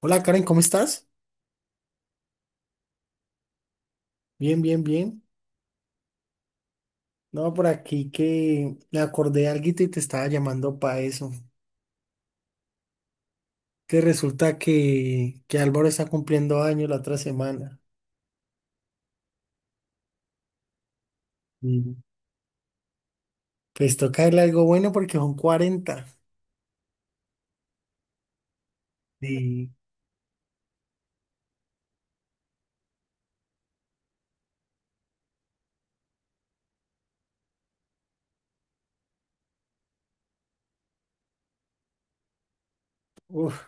Hola Karen, ¿cómo estás? Bien, bien, bien. No, por aquí que me acordé de alguito y te estaba llamando para eso. Que resulta que Álvaro está cumpliendo años la otra semana. Y pues toca darle algo bueno porque son 40. Y uf,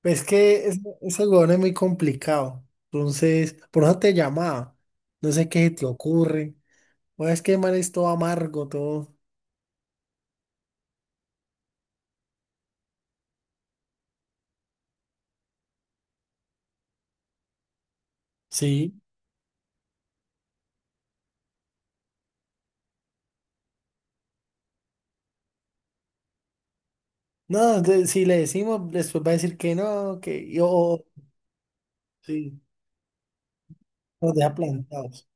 pues ese huevón es muy complicado. Entonces, por eso te llamaba. No sé qué se te ocurre. O es que el man es todo amargo, todo. Sí. No, si le decimos, después va a decir que no, que yo. Sí. Nos deja plantados.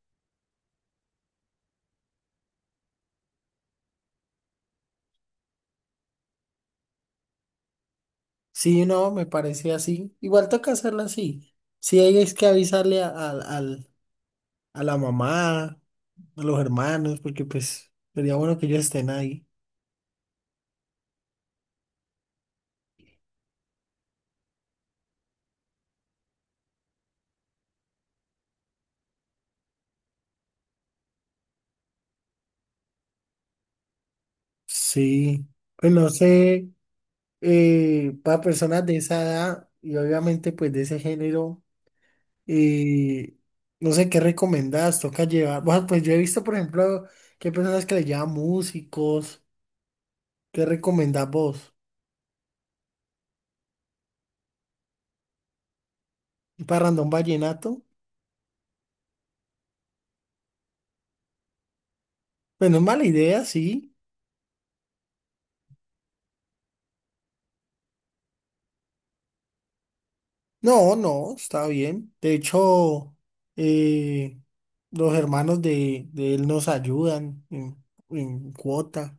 Sí, no, me parece así. Igual toca hacerla así. Sí, hay es que avisarle a la mamá, a los hermanos, porque pues sería bueno que ellos estén ahí. Sí, pues no sé, para personas de esa edad y obviamente pues de ese género, eh, no sé qué recomendás, toca llevar. Bueno, pues yo he visto, por ejemplo, que hay personas que le llevan músicos. ¿Qué recomendás vos? ¿Un parrandón vallenato? Pues no es mala idea, sí. No, no, está bien. De hecho, eh, los hermanos de él nos ayudan en cuota,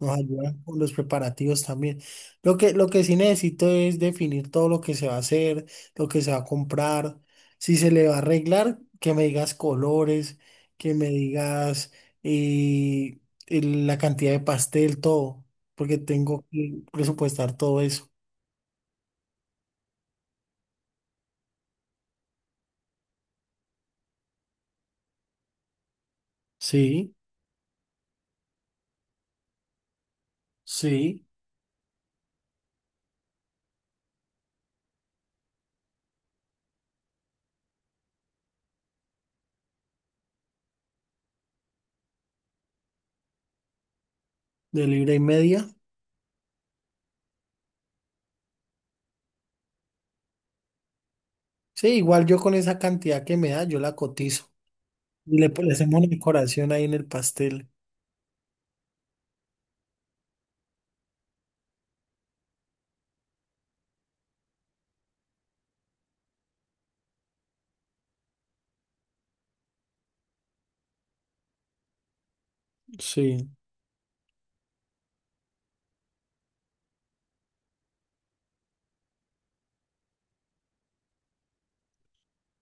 nos ayudan con los preparativos también. Lo que sí necesito es definir todo lo que se va a hacer, lo que se va a comprar, si se le va a arreglar, que me digas colores, que me digas eh, la cantidad de pastel, todo, porque tengo que presupuestar todo eso. Sí, sí, de libra y media. Sí, igual yo con esa cantidad que me da, yo la cotizo. Y le hacemos una decoración ahí en el pastel. Sí.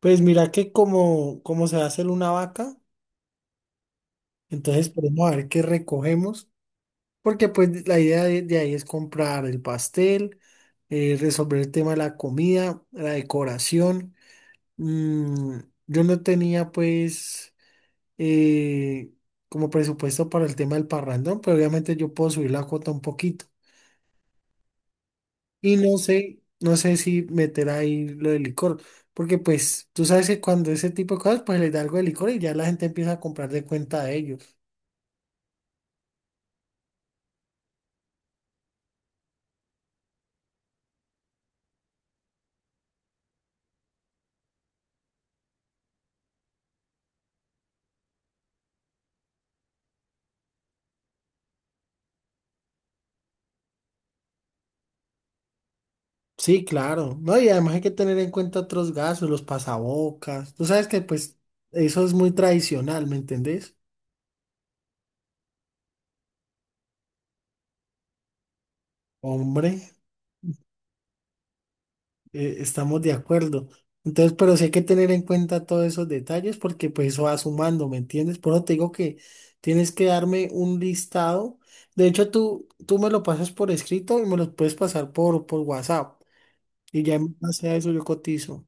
Pues mira que como se va a hacer una vaca, entonces podemos a ver qué recogemos. Porque pues la idea de ahí es comprar el pastel, resolver el tema de la comida, la decoración. Mm, yo no tenía pues eh, como presupuesto para el tema del parrandón, pero obviamente yo puedo subir la cuota un poquito. Y no sé si meter ahí lo de licor, porque pues tú sabes que cuando ese tipo de cosas, pues le da algo de licor y ya la gente empieza a comprar de cuenta de ellos. Sí, claro, ¿no? Y además hay que tener en cuenta otros gastos, los pasabocas. Tú sabes que pues eso es muy tradicional, ¿me entendés? Hombre. Estamos de acuerdo. Entonces, pero sí hay que tener en cuenta todos esos detalles porque pues eso va sumando, ¿me entiendes? Por eso te digo que tienes que darme un listado. De hecho, tú me lo pasas por escrito y me lo puedes pasar por, WhatsApp. Y ya en base a eso yo cotizo.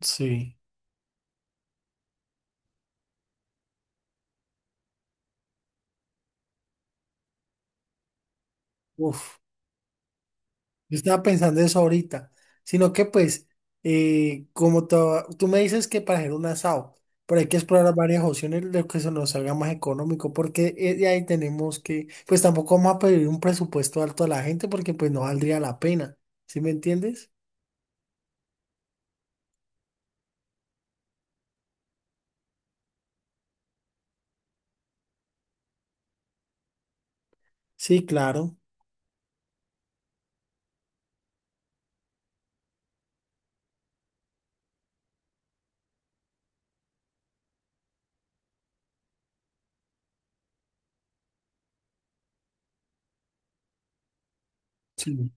Sí. Uf. Yo estaba pensando eso ahorita, sino que pues, como tú me dices que para hacer un asado, pero hay que explorar varias opciones de que se nos salga más económico, porque de ahí tenemos que, pues tampoco vamos a pedir un presupuesto alto a la gente porque pues no valdría la pena, ¿sí me entiendes? Sí, claro, sí,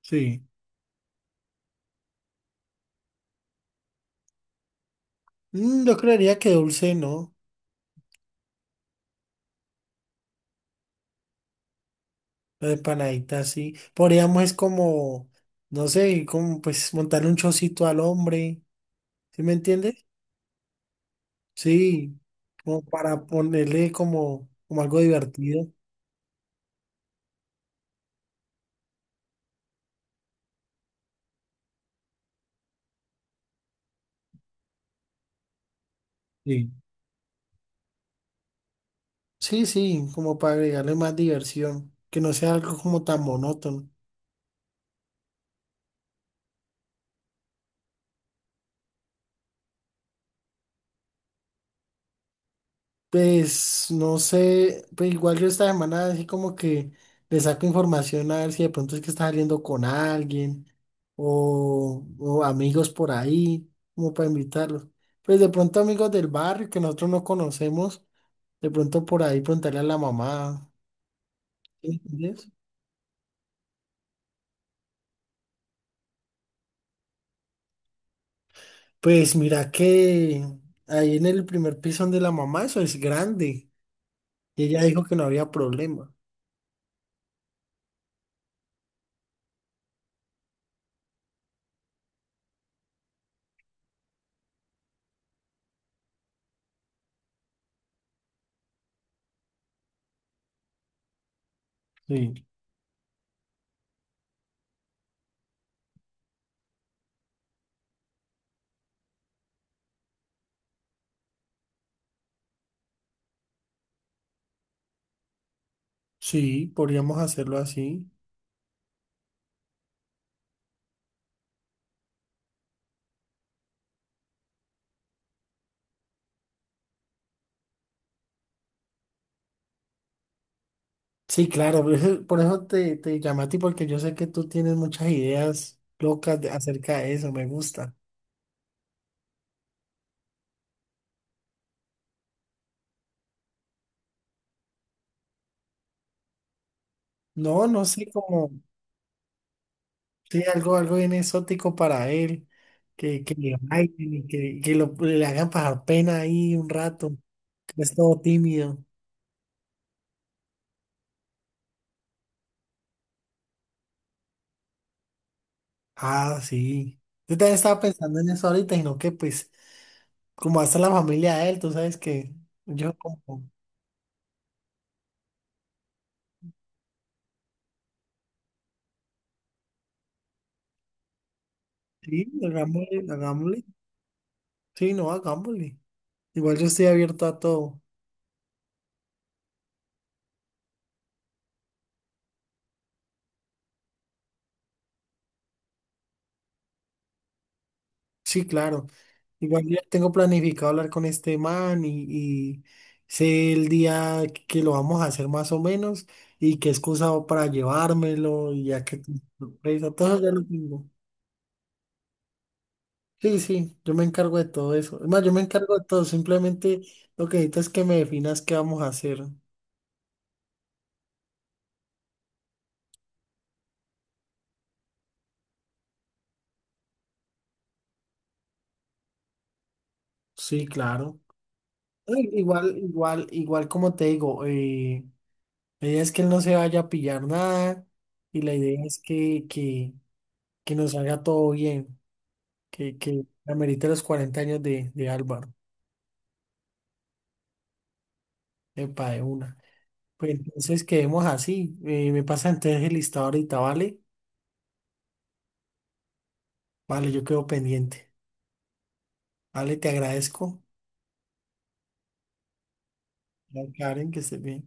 sí. Yo creería que dulce, ¿no? La empanadita, sí. Podríamos es como, no sé, como pues montarle un chocito al hombre, ¿sí me entiendes? Sí, como para ponerle como, algo divertido. Sí. Sí, sí, como para agregarle más diversión, que no sea algo como tan monótono. Pues no sé, pues igual yo esta semana así como que le saco información a ver si de pronto es que está saliendo con alguien o amigos por ahí, como para invitarlos. Pues de pronto amigos del barrio que nosotros no conocemos, de pronto por ahí preguntarle a la mamá. ¿Sí? Pues mira que ahí en el primer piso donde la mamá, eso es grande. Y ella dijo que no había problema. Sí. Sí, podríamos hacerlo así. Sí, claro, por eso, te llamé a ti, porque yo sé que tú tienes muchas ideas locas acerca de eso, me gusta. No, no sé, como, sí, algo, bien exótico para él, que, le bailen y que le hagan pasar pena ahí un rato, que es todo tímido. Ah, sí. Yo también estaba pensando en eso ahorita, sino que pues como hasta la familia de él, tú sabes que yo como, sí, hagámosle, hagámosle, sí, no, hagámosle. Igual yo estoy abierto a todo. Sí, claro. Igual yo tengo planificado hablar con este man y sé el día que lo vamos a hacer más o menos y qué excusa hago para llevármelo y ya que sorpresa, todo eso ya lo tengo. Sí, sí, yo me encargo de todo eso. Es más, yo me encargo de todo, simplemente lo que necesito es que me definas qué vamos a hacer. Sí, claro. Ay, Igual como te digo, la idea es que él no se vaya a pillar nada y la idea es que, nos salga todo bien, que amerite los 40 años de Álvaro, epa, de una. Pues entonces quedemos así, me pasa entonces el listado ahorita, ¿vale? Vale, yo quedo pendiente. Vale, te agradezco. Karen, que estés bien.